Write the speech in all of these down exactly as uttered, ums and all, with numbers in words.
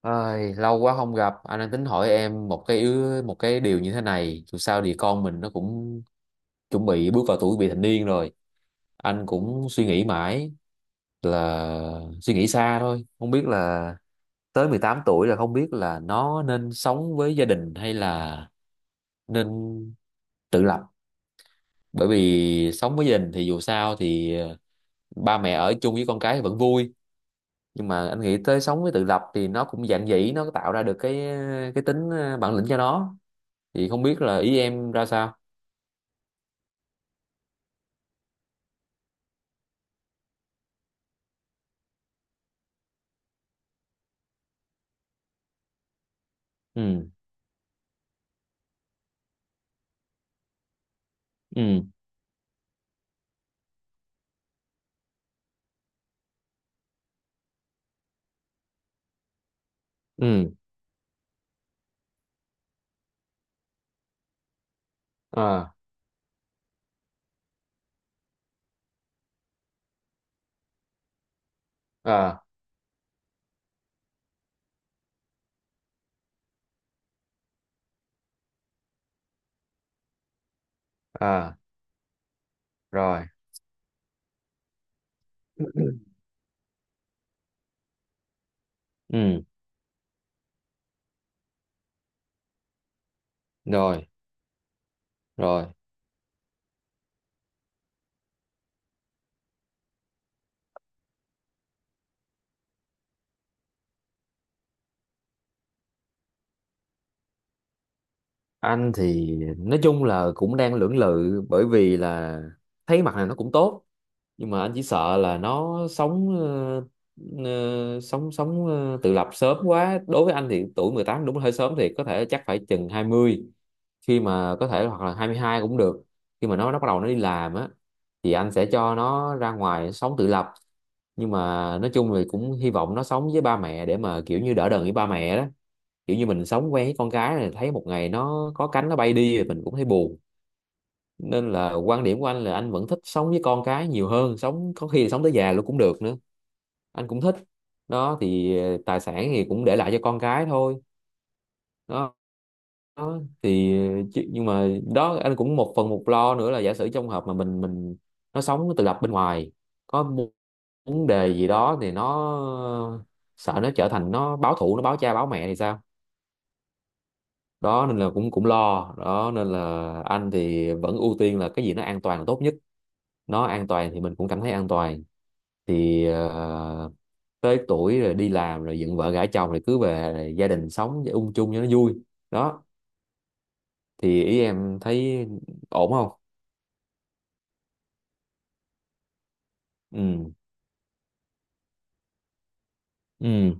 Ai, lâu quá không gặp, anh đang tính hỏi em một cái ứ- một cái điều như thế này, dù sao thì con mình nó cũng chuẩn bị bước vào tuổi vị thành niên rồi. Anh cũng suy nghĩ mãi, là suy nghĩ xa thôi, không biết là tới mười tám tuổi là không biết là nó nên sống với gia đình hay là nên tự lập. Bởi vì sống với gia đình thì dù sao thì ờ, ba mẹ ở chung với con cái thì vẫn vui, nhưng mà anh nghĩ tới sống với tự lập thì nó cũng dạn dĩ, nó tạo ra được cái cái tính ờ, bản lĩnh cho nó, thì không biết là ý em ra sao? Ừ. Ừ. Ừ. À. À. À. Rồi. Ừ. Rồi. Rồi. Anh thì nói chung là cũng đang lưỡng lự bởi vì là thấy mặt này nó cũng tốt, nhưng mà anh chỉ sợ là nó sống ờ, ờ, sống sống ờ, tự lập sớm quá. Đối với anh thì tuổi mười tám đúng là hơi sớm, thì có thể chắc phải chừng hai mươi, khi mà có thể, hoặc là hai mươi hai cũng được, khi mà nó, nó bắt đầu nó đi làm á, thì anh sẽ cho nó ra ngoài sống tự lập. Nhưng mà nói chung thì cũng hy vọng nó sống với ba mẹ để mà kiểu như đỡ đần với ba mẹ đó, kiểu như mình sống quen với con cái này, thấy một ngày nó có cánh nó bay đi thì mình cũng thấy buồn. Nên là quan điểm của anh là anh vẫn thích sống với con cái nhiều hơn, sống có khi là sống tới già luôn cũng được nữa, anh cũng thích đó. Thì ờ, tài sản thì cũng để lại cho con cái thôi đó. Đó thì, chứ, nhưng mà đó, anh cũng một phần một lo nữa là giả sử trong hợp mà mình mình nó sống tự lập bên ngoài có mu- vấn đề gì đó thì nó, sợ nó trở thành, nó báo thù, nó báo cha báo mẹ thì sao. Đó nên là cũng cũng lo. Đó nên là anh thì vẫn ưu tiên là cái gì nó an toàn là tốt nhất, nó an toàn thì mình cũng cảm thấy an toàn. Thì ờ, tới tuổi rồi đi làm rồi dựng vợ gả chồng rồi cứ về, rồi gia đình sống ung chung cho nó vui đó. Thì ý em thấy ổn không? Ừ. Ừ.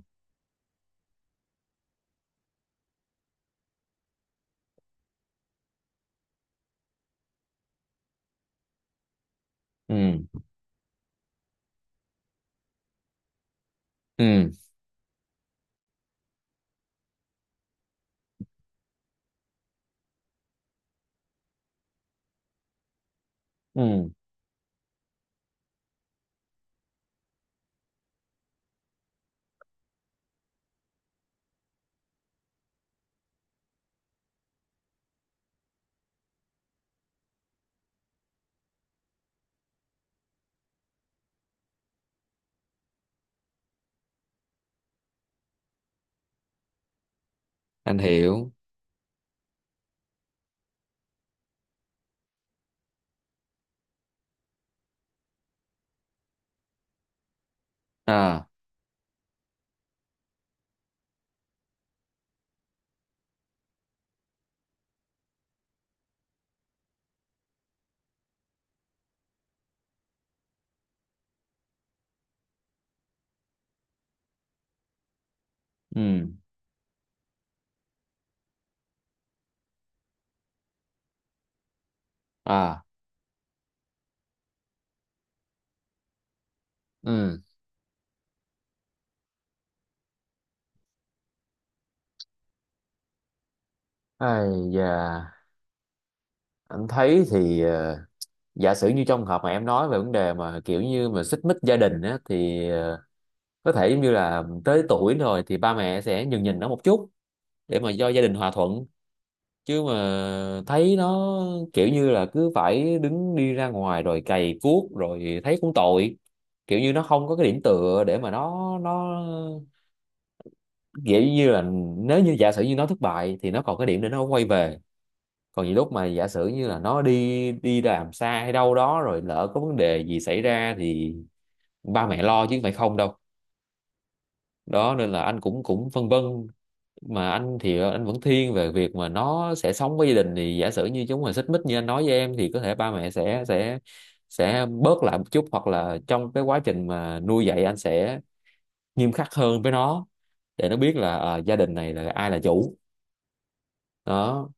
Ừ. Ừ. Ừ. Anh hiểu. À. Ừ. À. Ừ. Ai da, anh thấy thì ờ, giả sử như trong trường hợp mà em nói về vấn đề mà kiểu như mà xích mích gia đình á, thì ờ, có thể giống như là tới tuổi rồi thì ba mẹ sẽ nhường nhịn nó một chút để mà do gia đình hòa thuận, chứ mà thấy nó kiểu như là cứ phải đứng đi ra ngoài rồi cày cuốc rồi thấy cũng tội, kiểu như nó không có cái điểm tựa để mà nó nó kiểu như là, nếu như giả sử như nó thất bại thì nó còn cái điểm để nó quay về. Còn những lúc mà giả sử như là nó đi đi làm xa hay đâu đó rồi lỡ có vấn đề gì xảy ra thì ba mẹ lo chứ không phải không đâu. Đó nên là anh cũng cũng phân vân, mà anh thì anh vẫn thiên về việc mà nó sẽ sống với gia đình, thì giả sử như chúng mà xích mích như anh nói với em thì có thể ba mẹ sẽ sẽ sẽ bớt lại một chút, hoặc là trong cái quá trình mà nuôi dạy anh sẽ nghiêm khắc hơn với nó, để nó biết là ờ, gia đình này là ai là chủ đó.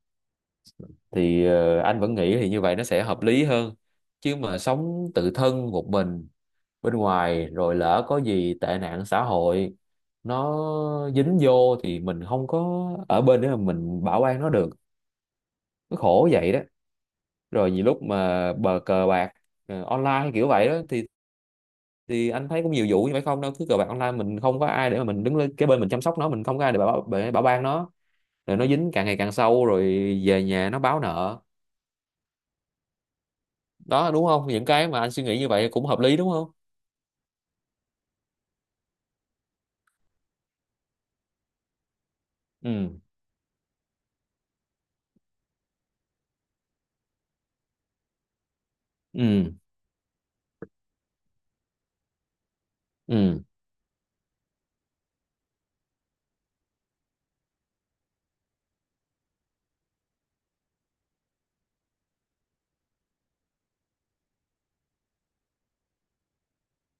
Thì ờ, anh vẫn nghĩ thì như vậy nó sẽ hợp lý hơn, chứ mà sống tự thân một mình bên ngoài rồi lỡ có gì tệ nạn xã hội nó dính vô thì mình không có ở bên để mà mình bảo an nó được, nó khổ vậy đó. Rồi nhiều lúc mà bờ cờ bạc ờ, online kiểu vậy đó, thì thì anh thấy cũng nhiều vụ như vậy không đâu, cứ cờ bạc online mình không có ai để mà mình đứng lên cái bên mình chăm sóc nó, mình không có ai để bảo, bảo, bảo ban nó, rồi nó dính càng ngày càng sâu, rồi về nhà nó báo nợ đó. Đúng không, những cái mà anh suy nghĩ như vậy cũng hợp lý đúng không? Ừ. Ừ. Ừ.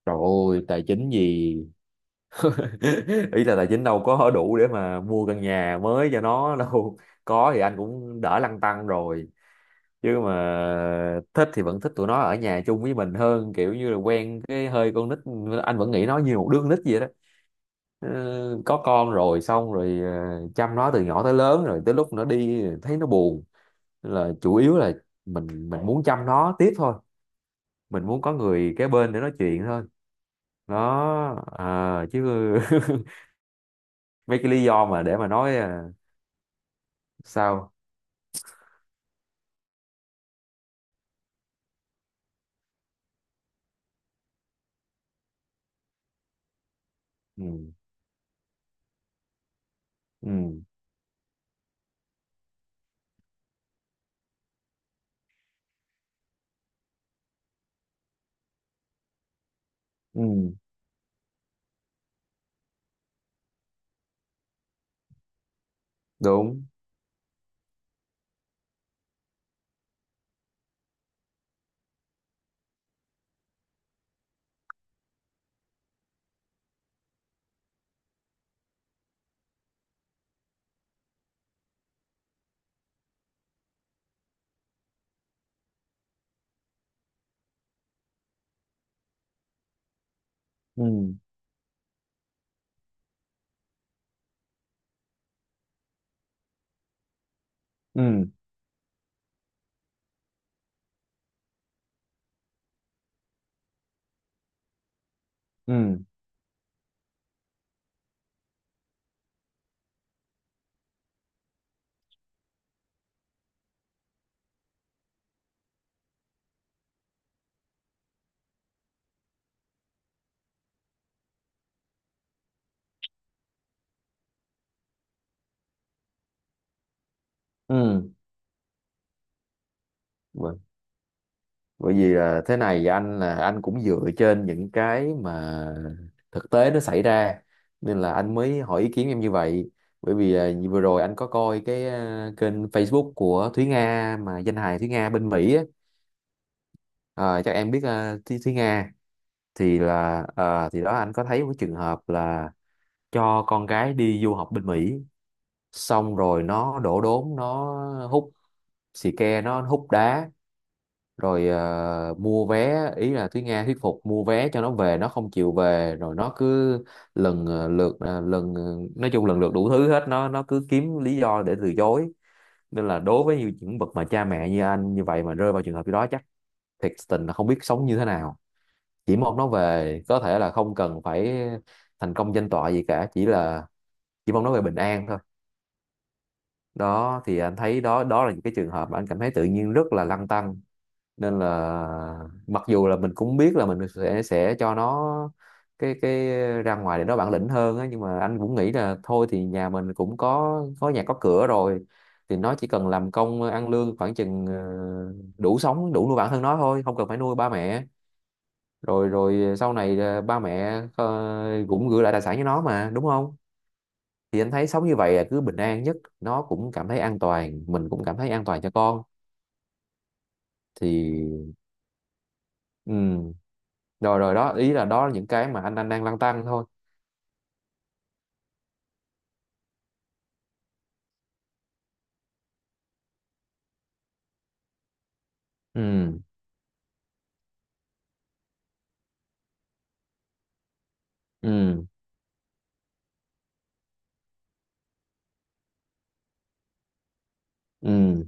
Trời ơi tài chính gì ý là tài chính đâu có đủ để mà mua căn nhà mới cho nó đâu, có thì anh cũng đỡ lăn tăn rồi. Chứ mà thích thì vẫn thích tụi nó ở nhà chung với mình hơn, kiểu như là quen cái hơi con nít, anh vẫn nghĩ nó như một đứa con nít vậy đó. Ờ, có con rồi, xong rồi ờ, chăm nó từ nhỏ tới lớn, rồi tới lúc nó đi thấy nó buồn. Nên là chủ yếu là mình mình muốn chăm nó tiếp thôi, mình muốn có người kế bên để nói chuyện thôi đó à, chứ mấy cái lý do mà để mà nói à, sao? Ừ. Ừ. Ừ. Đúng. Ừ. Ừ. Ừ. Ừ. bởi bởi vì là thế này, anh là anh cũng dựa trên những cái mà thực tế nó xảy ra, nên là anh mới hỏi ý kiến em như vậy. Bởi vì à, như vừa rồi anh có coi cái à, kênh Facebook của Thúy Nga, mà danh hài Thúy Nga bên Mỹ á. Ờ, chắc em biết à, Thúy, Thúy Nga. Thì là à, thì đó anh có thấy một trường hợp là cho con gái đi du học bên Mỹ, xong rồi nó đổ đốn, nó hút xì ke, nó hút đá. Rồi ờ, mua vé, ý là Thúy Nga thuyết phục mua vé cho nó về, nó không chịu về, rồi nó cứ lần ờ, lượt ờ, lần ờ, nói chung lần lượt đủ thứ hết, nó nó cứ kiếm lý do để từ chối. Nên là đối với những bậc mà cha mẹ như anh như vậy mà rơi vào trường hợp như đó, chắc thiệt tình là không biết sống như thế nào, chỉ mong nó về, có thể là không cần phải thành công danh tọa gì cả, chỉ là chỉ mong nó về bình an thôi. Đó thì anh thấy đó, đó là những cái trường hợp mà anh cảm thấy tự nhiên rất là lăn tăn. Nên là mặc dù là mình cũng biết là mình sẽ sẽ cho nó cái cái ra ngoài để nó bản lĩnh hơn á, nhưng mà anh cũng nghĩ là thôi thì nhà mình cũng có có nhà có cửa rồi, thì nó chỉ cần làm công ăn lương khoảng chừng ờ, đủ sống đủ nuôi bản thân nó thôi, không cần phải nuôi ba mẹ. Rồi rồi ờ, sau này ờ, ba mẹ ờ, cũng gửi lại tài sản cho nó mà, đúng không? Thì anh thấy sống như vậy là cứ bình an nhất, nó cũng cảm thấy an toàn, mình cũng cảm thấy an toàn cho con. Thì ừ. Rồi, rồi đó, ý là đó là những cái mà anh anh đang lăn tăn thôi. Ừ. Ừ. Ừ.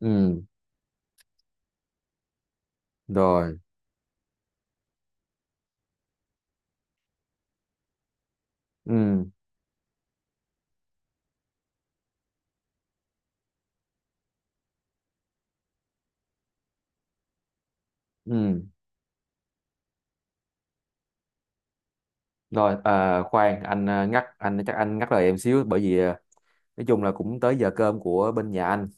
Ừ. Rồi. Ừ. Ừ. Rồi. À, khoan anh ờ, ngắt, anh chắc anh ngắt lời em xíu, bởi vì à, nói chung là cũng tới giờ cơm của bên nhà anh,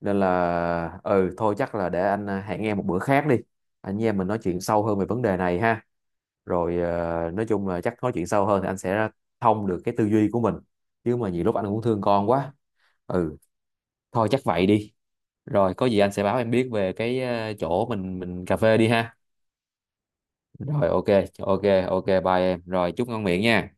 nên là ừ thôi chắc là để anh à, hẹn em một bữa khác đi, anh với em mình nói chuyện sâu hơn về vấn đề này ha. Rồi ờ, nói chung là chắc nói chuyện sâu hơn thì anh sẽ thông được cái tư duy của mình, chứ mà nhiều lúc anh cũng thương con quá. Ừ thôi chắc vậy đi. Rồi có gì anh sẽ báo em biết về cái ờ, chỗ mình mình cà phê đi ha. Rồi. Ok. Ok. Ok bye em. Rồi chúc ngon miệng nha.